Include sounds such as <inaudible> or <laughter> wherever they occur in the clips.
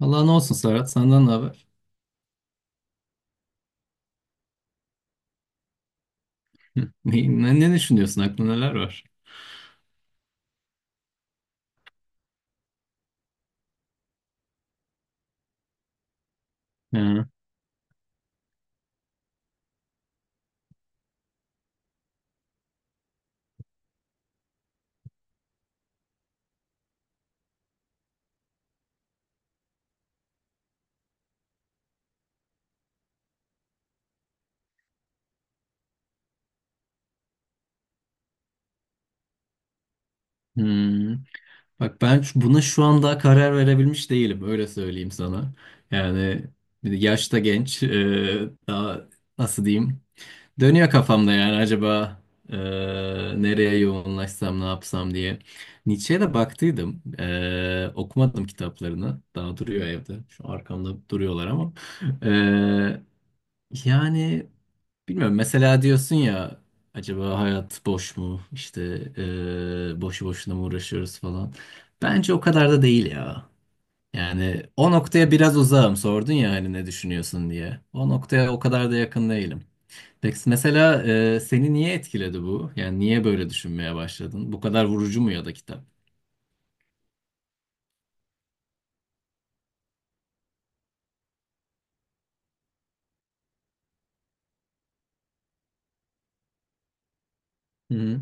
Allah ne olsun Serhat, senden ne haber? Hı. Ne düşünüyorsun? Aklında neler var? Ha, hmm. Bak ben buna şu an daha karar verebilmiş değilim. Öyle söyleyeyim sana. Yani bir de yaşta genç. Daha nasıl diyeyim? Dönüyor kafamda yani, acaba e, nereye yoğunlaşsam, ne yapsam diye. Nietzsche'ye de baktıydım. Okumadım kitaplarını. Daha duruyor evde. Şu arkamda duruyorlar ama. E, Yani... Bilmiyorum, mesela diyorsun ya, acaba hayat boş mu? İşte boşu boşuna mı uğraşıyoruz falan. Bence o kadar da değil ya. Yani o noktaya biraz uzağım, sordun ya hani ne düşünüyorsun diye. O noktaya o kadar da yakın değilim. Peki mesela seni niye etkiledi bu? Yani niye böyle düşünmeye başladın? Bu kadar vurucu mu ya da kitap? Hı hı.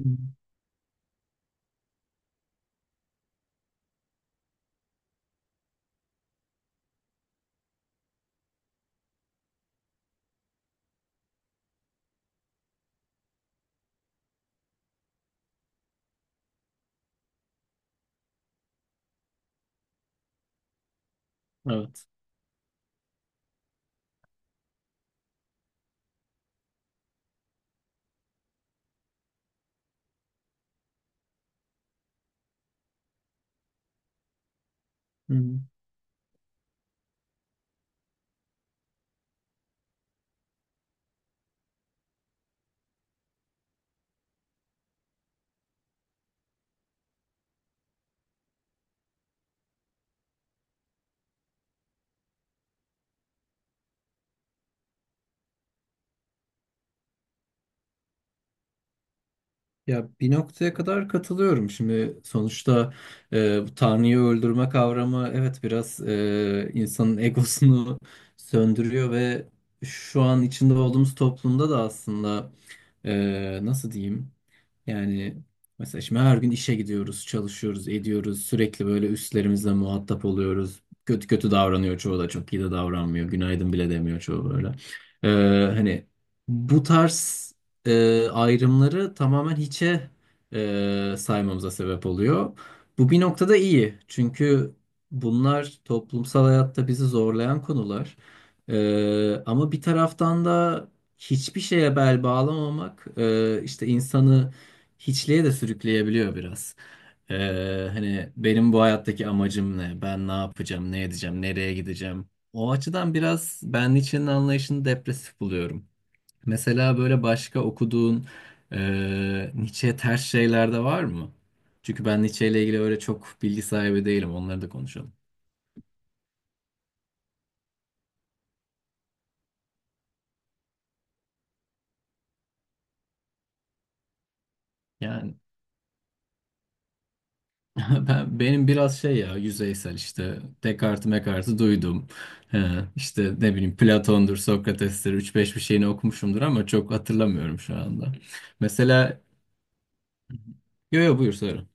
Hı. Evet. Hı hı. Ya, bir noktaya kadar katılıyorum. Şimdi sonuçta bu Tanrı'yı öldürme kavramı evet biraz insanın egosunu söndürüyor ve şu an içinde olduğumuz toplumda da aslında nasıl diyeyim? Yani mesela şimdi her gün işe gidiyoruz, çalışıyoruz, ediyoruz. Sürekli böyle üstlerimizle muhatap oluyoruz. Kötü kötü davranıyor çoğu da, çok iyi de davranmıyor. Günaydın bile demiyor çoğu böyle. Ee, Hani bu tarz ayrımları tamamen hiçe saymamıza sebep oluyor. Bu bir noktada iyi. Çünkü bunlar toplumsal hayatta bizi zorlayan konular. Ama bir taraftan da hiçbir şeye bel bağlamamak işte insanı hiçliğe de sürükleyebiliyor biraz. Hani benim bu hayattaki amacım ne? Ben ne yapacağım? Ne edeceğim? Nereye gideceğim? O açıdan biraz ben Nietzsche'nin anlayışını depresif buluyorum. Mesela böyle başka okuduğun Nietzsche'ye ters şeyler de var mı? Çünkü ben Nietzsche ile ilgili öyle çok bilgi sahibi değilim. Onları da konuşalım. Yani <laughs> benim biraz şey ya, yüzeysel. İşte Descartes'i Mekart'ı duydum. Ee, işte ne bileyim, Platon'dur, Sokrates'tir üç beş bir şeyini okumuşumdur ama çok hatırlamıyorum şu anda. Mesela yo yo, buyur söyle.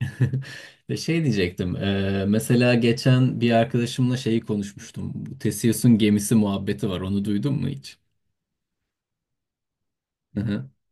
<laughs> Ve şey diyecektim, mesela geçen bir arkadaşımla şeyi konuşmuştum. Bu Theseus'un gemisi muhabbeti var, onu duydun mu hiç? <laughs>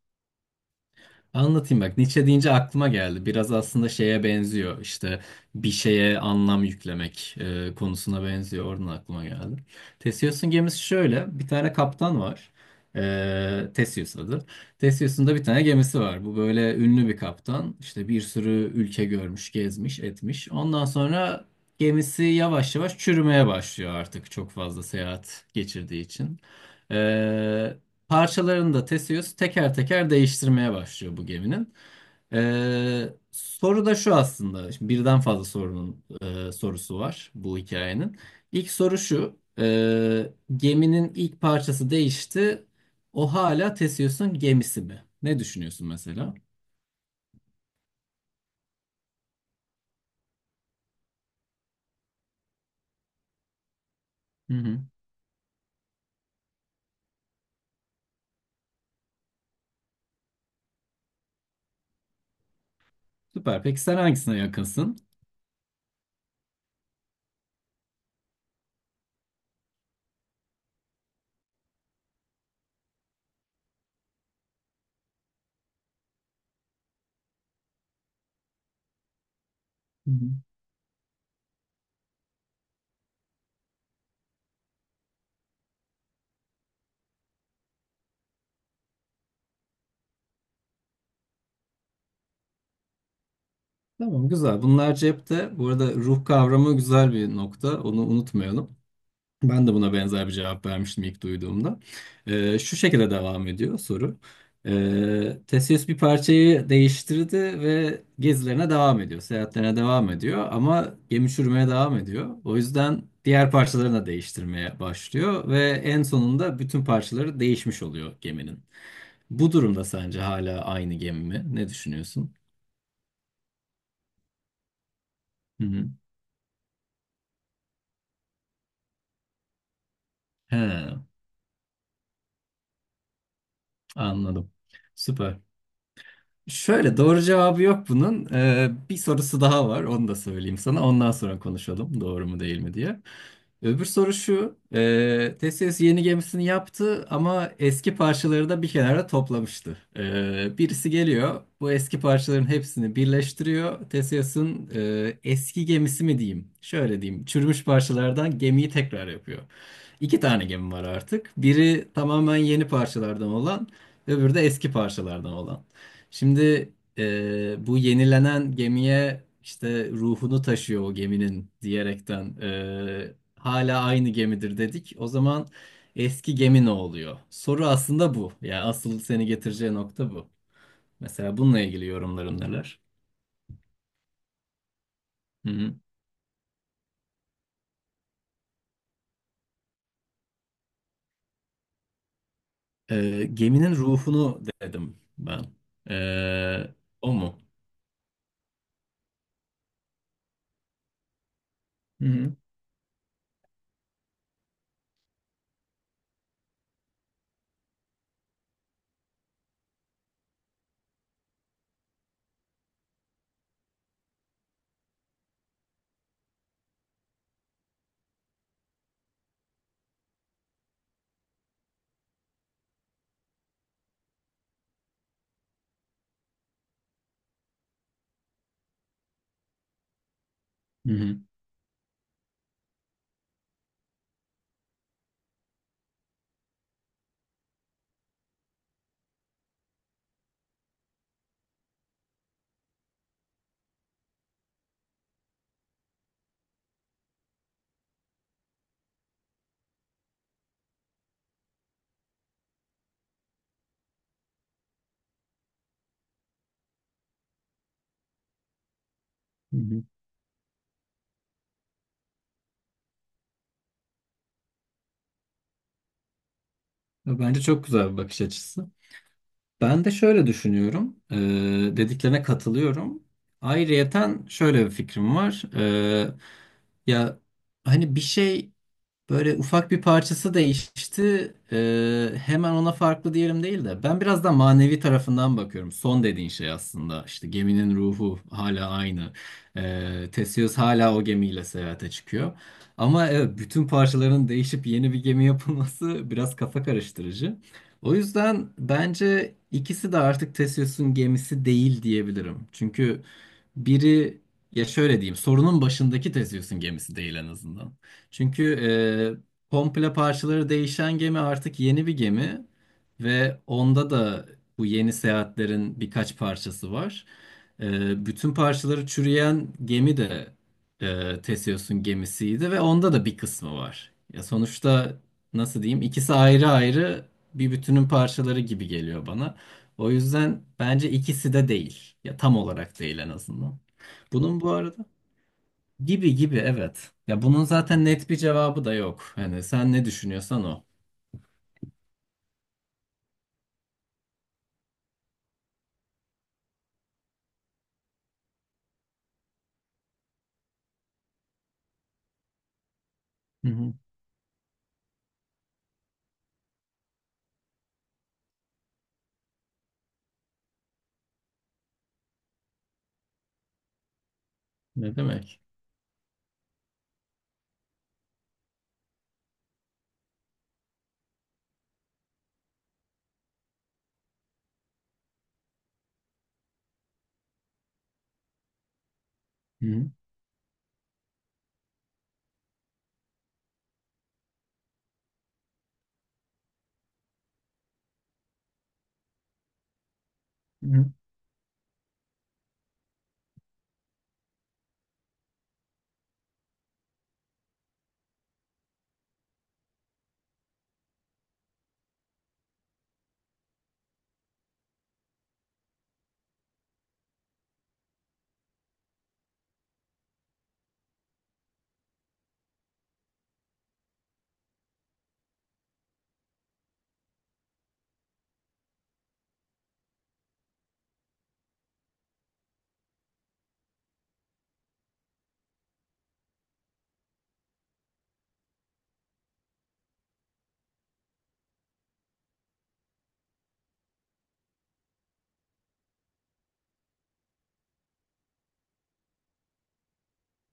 Anlatayım, bak Nietzsche deyince aklıma geldi. Biraz aslında şeye benziyor, işte bir şeye anlam yüklemek konusuna benziyor. Oradan aklıma geldi. Theseus'un gemisi şöyle: bir tane kaptan var. Theseus adı. Theseus'un da bir tane gemisi var. Bu böyle ünlü bir kaptan. İşte bir sürü ülke görmüş, gezmiş, etmiş. Ondan sonra gemisi yavaş yavaş çürümeye başlıyor artık, çok fazla seyahat geçirdiği için. E, Parçalarını da Theseus teker teker değiştirmeye başlıyor bu geminin. Soru da şu aslında. Şimdi birden fazla sorunun sorusu var bu hikayenin. İlk soru şu: geminin ilk parçası değişti. O hala Theseus'un gemisi mi? Ne düşünüyorsun mesela? Hı hı. Süper. Peki sen hangisine yakınsın? Hı hı. Tamam, güzel. Bunlar cepte. Bu arada ruh kavramı güzel bir nokta, onu unutmayalım. Ben de buna benzer bir cevap vermiştim ilk duyduğumda. Şu şekilde devam ediyor soru. Theseus bir parçayı değiştirdi ve gezilerine devam ediyor, seyahatlerine devam ediyor ama gemi çürümeye devam ediyor. O yüzden diğer parçalarını da değiştirmeye başlıyor ve en sonunda bütün parçaları değişmiş oluyor geminin. Bu durumda sence hala aynı gemi mi? Ne düşünüyorsun? Hı hı. He, anladım. Süper. Şöyle, doğru cevabı yok bunun. Bir sorusu daha var, onu da söyleyeyim sana. Ondan sonra konuşalım doğru mu değil mi diye. Öbür soru şu. Theseus yeni gemisini yaptı ama eski parçaları da bir kenara toplamıştı. Birisi geliyor. Bu eski parçaların hepsini birleştiriyor. Theseus'un eski gemisi mi diyeyim? Şöyle diyeyim: çürümüş parçalardan gemiyi tekrar yapıyor. İki tane gemi var artık. Biri tamamen yeni parçalardan olan, öbürü de eski parçalardan olan. Şimdi bu yenilenen gemiye, işte ruhunu taşıyor o geminin diyerekten hala aynı gemidir dedik. O zaman eski gemi ne oluyor? Soru aslında bu. Yani asıl seni getireceği nokta bu. Mesela bununla ilgili yorumların neler? Hı hı. Geminin ruhunu dedim ben. E, O mu? Hı hı. Hı hı. Hı hı. Bence çok güzel bir bakış açısı. Ben de şöyle düşünüyorum. Dediklerine katılıyorum. Ayrıyeten şöyle bir fikrim var. Ya, hani bir şey, böyle ufak bir parçası değişti. Hemen ona farklı diyelim değil de, ben biraz da manevi tarafından bakıyorum. Son dediğin şey aslında: İşte geminin ruhu hala aynı. Theseus hala o gemiyle seyahate çıkıyor. Ama evet, bütün parçaların değişip yeni bir gemi yapılması <laughs> biraz kafa karıştırıcı. O yüzden bence ikisi de artık Theseus'un gemisi değil diyebilirim. Çünkü biri, ya şöyle diyeyim, sorunun başındaki Theseus'un gemisi değil en azından. Çünkü komple parçaları değişen gemi artık yeni bir gemi ve onda da bu yeni seyahatlerin birkaç parçası var. Bütün parçaları çürüyen gemi de Theseus'un gemisiydi ve onda da bir kısmı var. Ya sonuçta nasıl diyeyim, ikisi ayrı ayrı bir bütünün parçaları gibi geliyor bana. O yüzden bence ikisi de değil. Ya, tam olarak değil en azından. Bunun bu arada gibi gibi, evet. Ya bunun zaten net bir cevabı da yok. Hani sen ne düşünüyorsan o. Hı hı. Ne demek? Hı hı. Hı hı.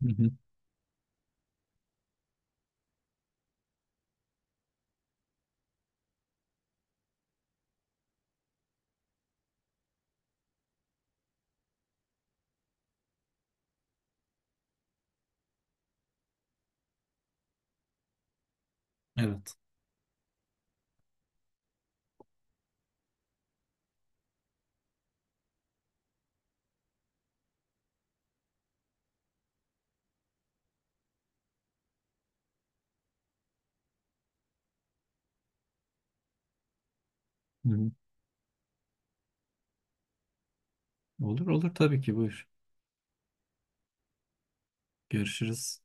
Hı hı. Evet. Hı hı. Olur olur, tabii ki buyur. Görüşürüz.